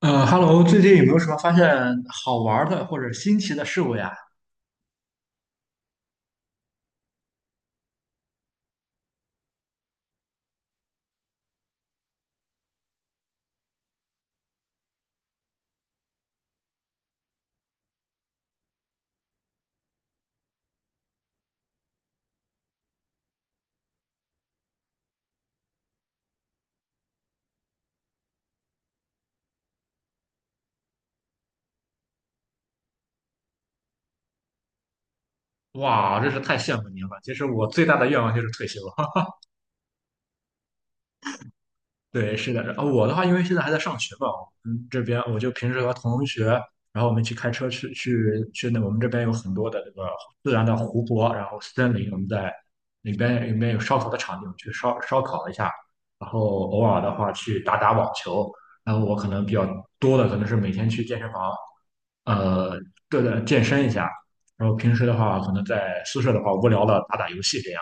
Hello，最近有没有什么发现好玩儿的或者新奇的事物呀？哇，真是太羡慕您了。其实我最大的愿望就是退休。对，是的，然后我的话，因为现在还在上学嘛。嗯，这边我就平时和同学，然后我们去开车去那我们这边有很多的这个自然的湖泊，然后森林，我们在里面有烧烤的场景，我们去烧烤一下，然后偶尔的话去打打网球。然后我可能比较多的可能是每天去健身房。呃，对的，健身一下。然后平时的话，可能在宿舍的话，无聊了打打游戏这样。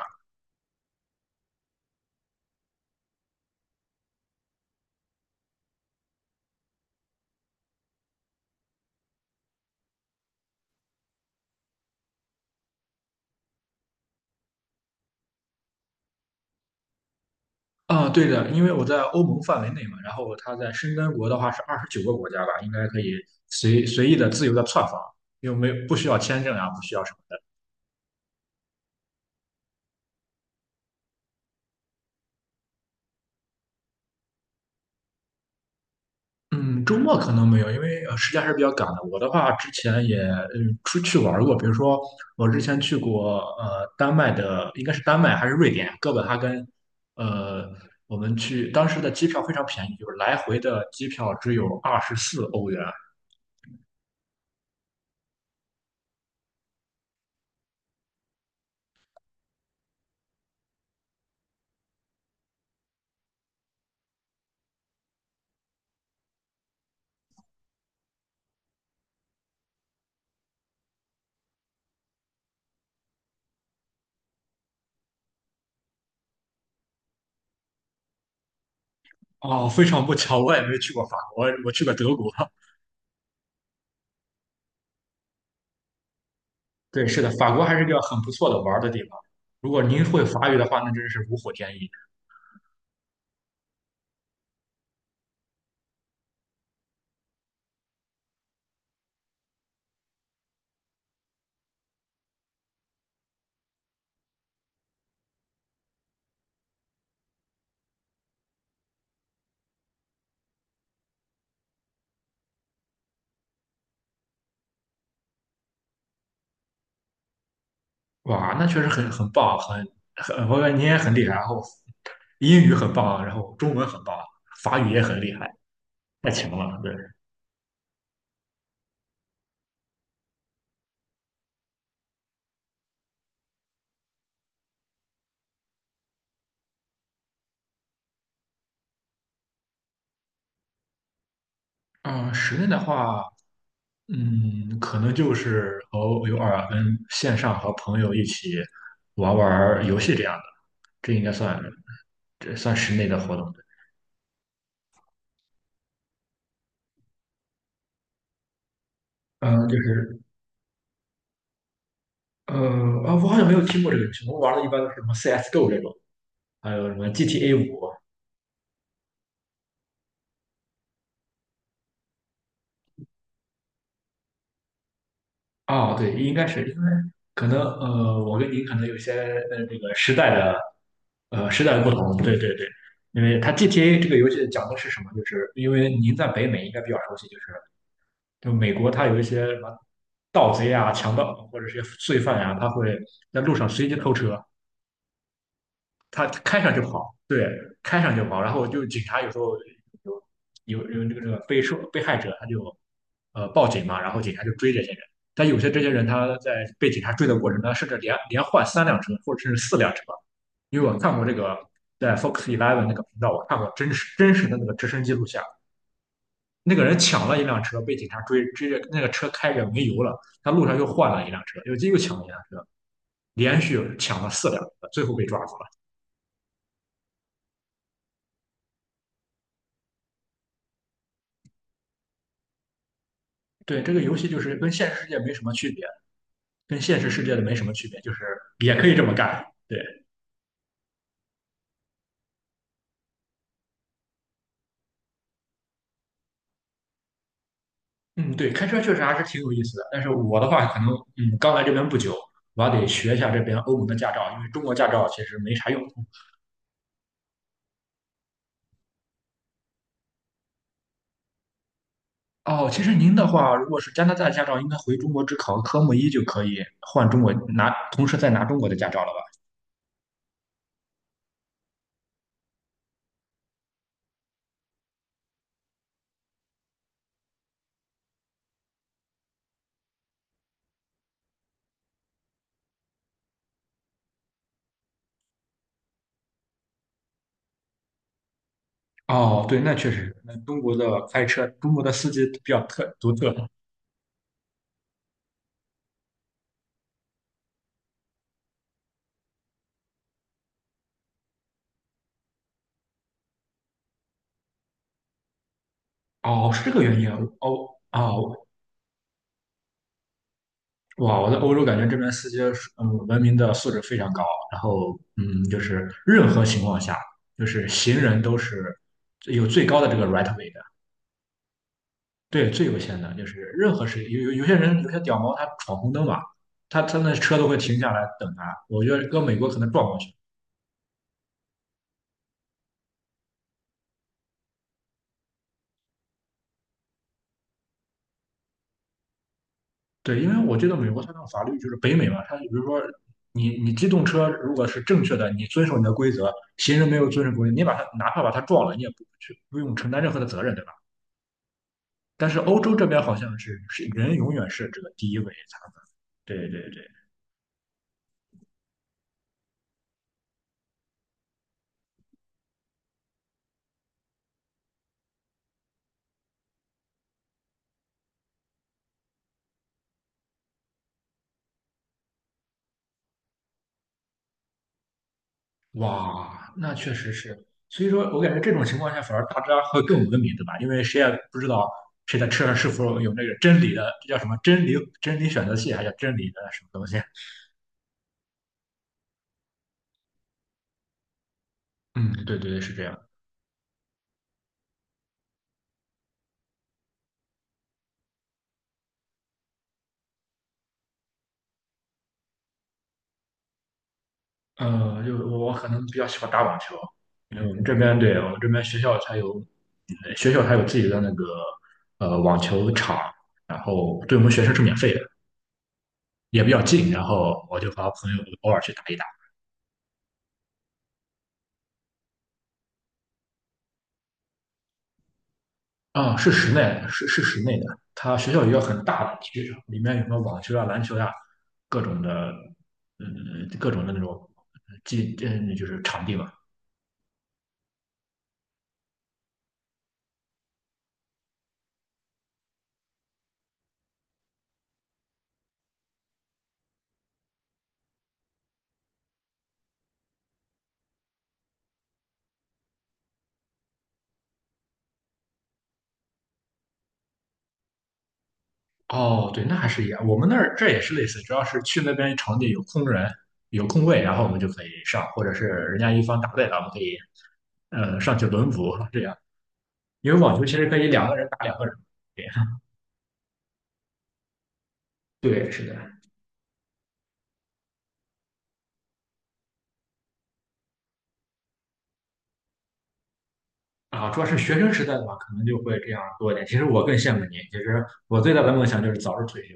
啊，对的，因为我在欧盟范围内嘛，然后它在申根国的话是29个国家吧，应该可以随意的、自由的窜访，又没有不需要签证啊，不需要什么的。嗯，周末可能没有，因为时间还是比较赶的。我的话，之前也出去玩过，比如说我之前去过丹麦的，应该是丹麦还是瑞典哥本哈根。呃，我们去当时的机票非常便宜，就是来回的机票只有24欧元。哦，非常不巧，我也没去过法国，我去过德国。对，是的，法国还是一个很不错的玩儿的地方。如果您会法语的话，那真是如虎添翼。哇，那确实很棒，我感觉你也很厉害，然后英语很棒，然后中文很棒，法语也很厉害，太强了，对。嗯，室内的话，可能就是和偶尔跟线上和朋友一起玩玩游戏这样的，这应该算这算室内的活动。嗯、就是呃我好像没有听过这个游戏，我们玩的一般都是什么 CS:GO 这种，还有什么 GTA 5。哦，对，应该是因为可能我跟您可能有些这个时代的不同，对对对，因为它 GTA 这个游戏讲的是什么？就是因为您在北美应该比较熟悉，就是就美国它有一些什么盗贼啊、强盗或者是些罪犯呀、他会在路上随机偷车，他开上就跑，开上就跑，然后就警察有时候有这个被害者他就报警嘛，然后警察就追这些人。但有些这些人他在被警察追的过程中，甚至连换3辆车或者甚至4辆车，因为我看过这个在 Fox 11 那个频道，我看过真实的那个直升机录像。那个人抢了一辆车被警察追着那个车开着没油了，他路上又换了一辆车，又抢了一辆车。连续抢了四辆，最后被抓住了。对，这个游戏就是跟现实世界没什么区别，跟现实世界的没什么区别，就是也可以这么干。对。嗯，对，开车确实还是挺有意思的。但是我的话，可能刚来这边不久，我还得学一下这边欧盟的驾照，因为中国驾照其实没啥用。哦，其实您的话，如果是加拿大驾照，应该回中国只考个科目一就可以换中国拿，同时再拿中国的驾照了吧？哦，对，那确实，那中国的开车，中国的司机比较独特。哦，是这个原因啊。哦哦。哇，我在欧洲感觉这边司机是文明的素质非常高，然后就是任何情况下，就是行人都是有最高的这个 right way 的，对，最优先的，就是任何事有些人有些屌毛他闯红灯嘛，他那车都会停下来等他，我觉得搁美国可能撞过去。对，因为我觉得美国它那个法律就是北美嘛，它比如说你机动车如果是正确的，你遵守你的规则，行人没有遵守规则，你哪怕把他撞了，你也不用承担任何的责任，对吧？但是欧洲这边好像是人永远是这个第一位才对对对。哇，那确实是，所以说我感觉这种情况下反而大家会更文明，对吧？因为谁也不知道谁的车上是否有那个真理的，这叫什么真理选择器，还叫真理的什么东西？嗯，对对对，是这样。就我可能比较喜欢打网球，因为我们这边学校它有自己的那个网球场，然后对我们学生是免费的。也比较近，然后我就和朋友偶尔去打一打。啊、是室内，是室内的。他学校有一个很大的体育场，里面有什么网球啊、篮球啊，各种的，各种的那种就是场地嘛。哦，对，那还是一样。我们那儿这也是类似，主要是去那边场地有空位，然后我们就可以上，或者是人家一方打累了，我们可以上去轮补这样。因为网球其实可以两个人打两个人。对，对，是的。啊、主要是学生时代的话，可能就会这样多一点。其实我更羡慕你，其实我最大的梦想就是早日退休，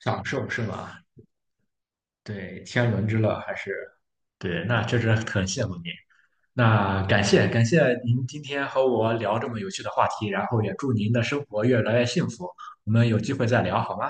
享受是吧？对，天伦之乐还是对，那确实很羡慕你。那感谢感谢您今天和我聊这么有趣的话题，然后也祝您的生活越来越幸福。我们有机会再聊好吗？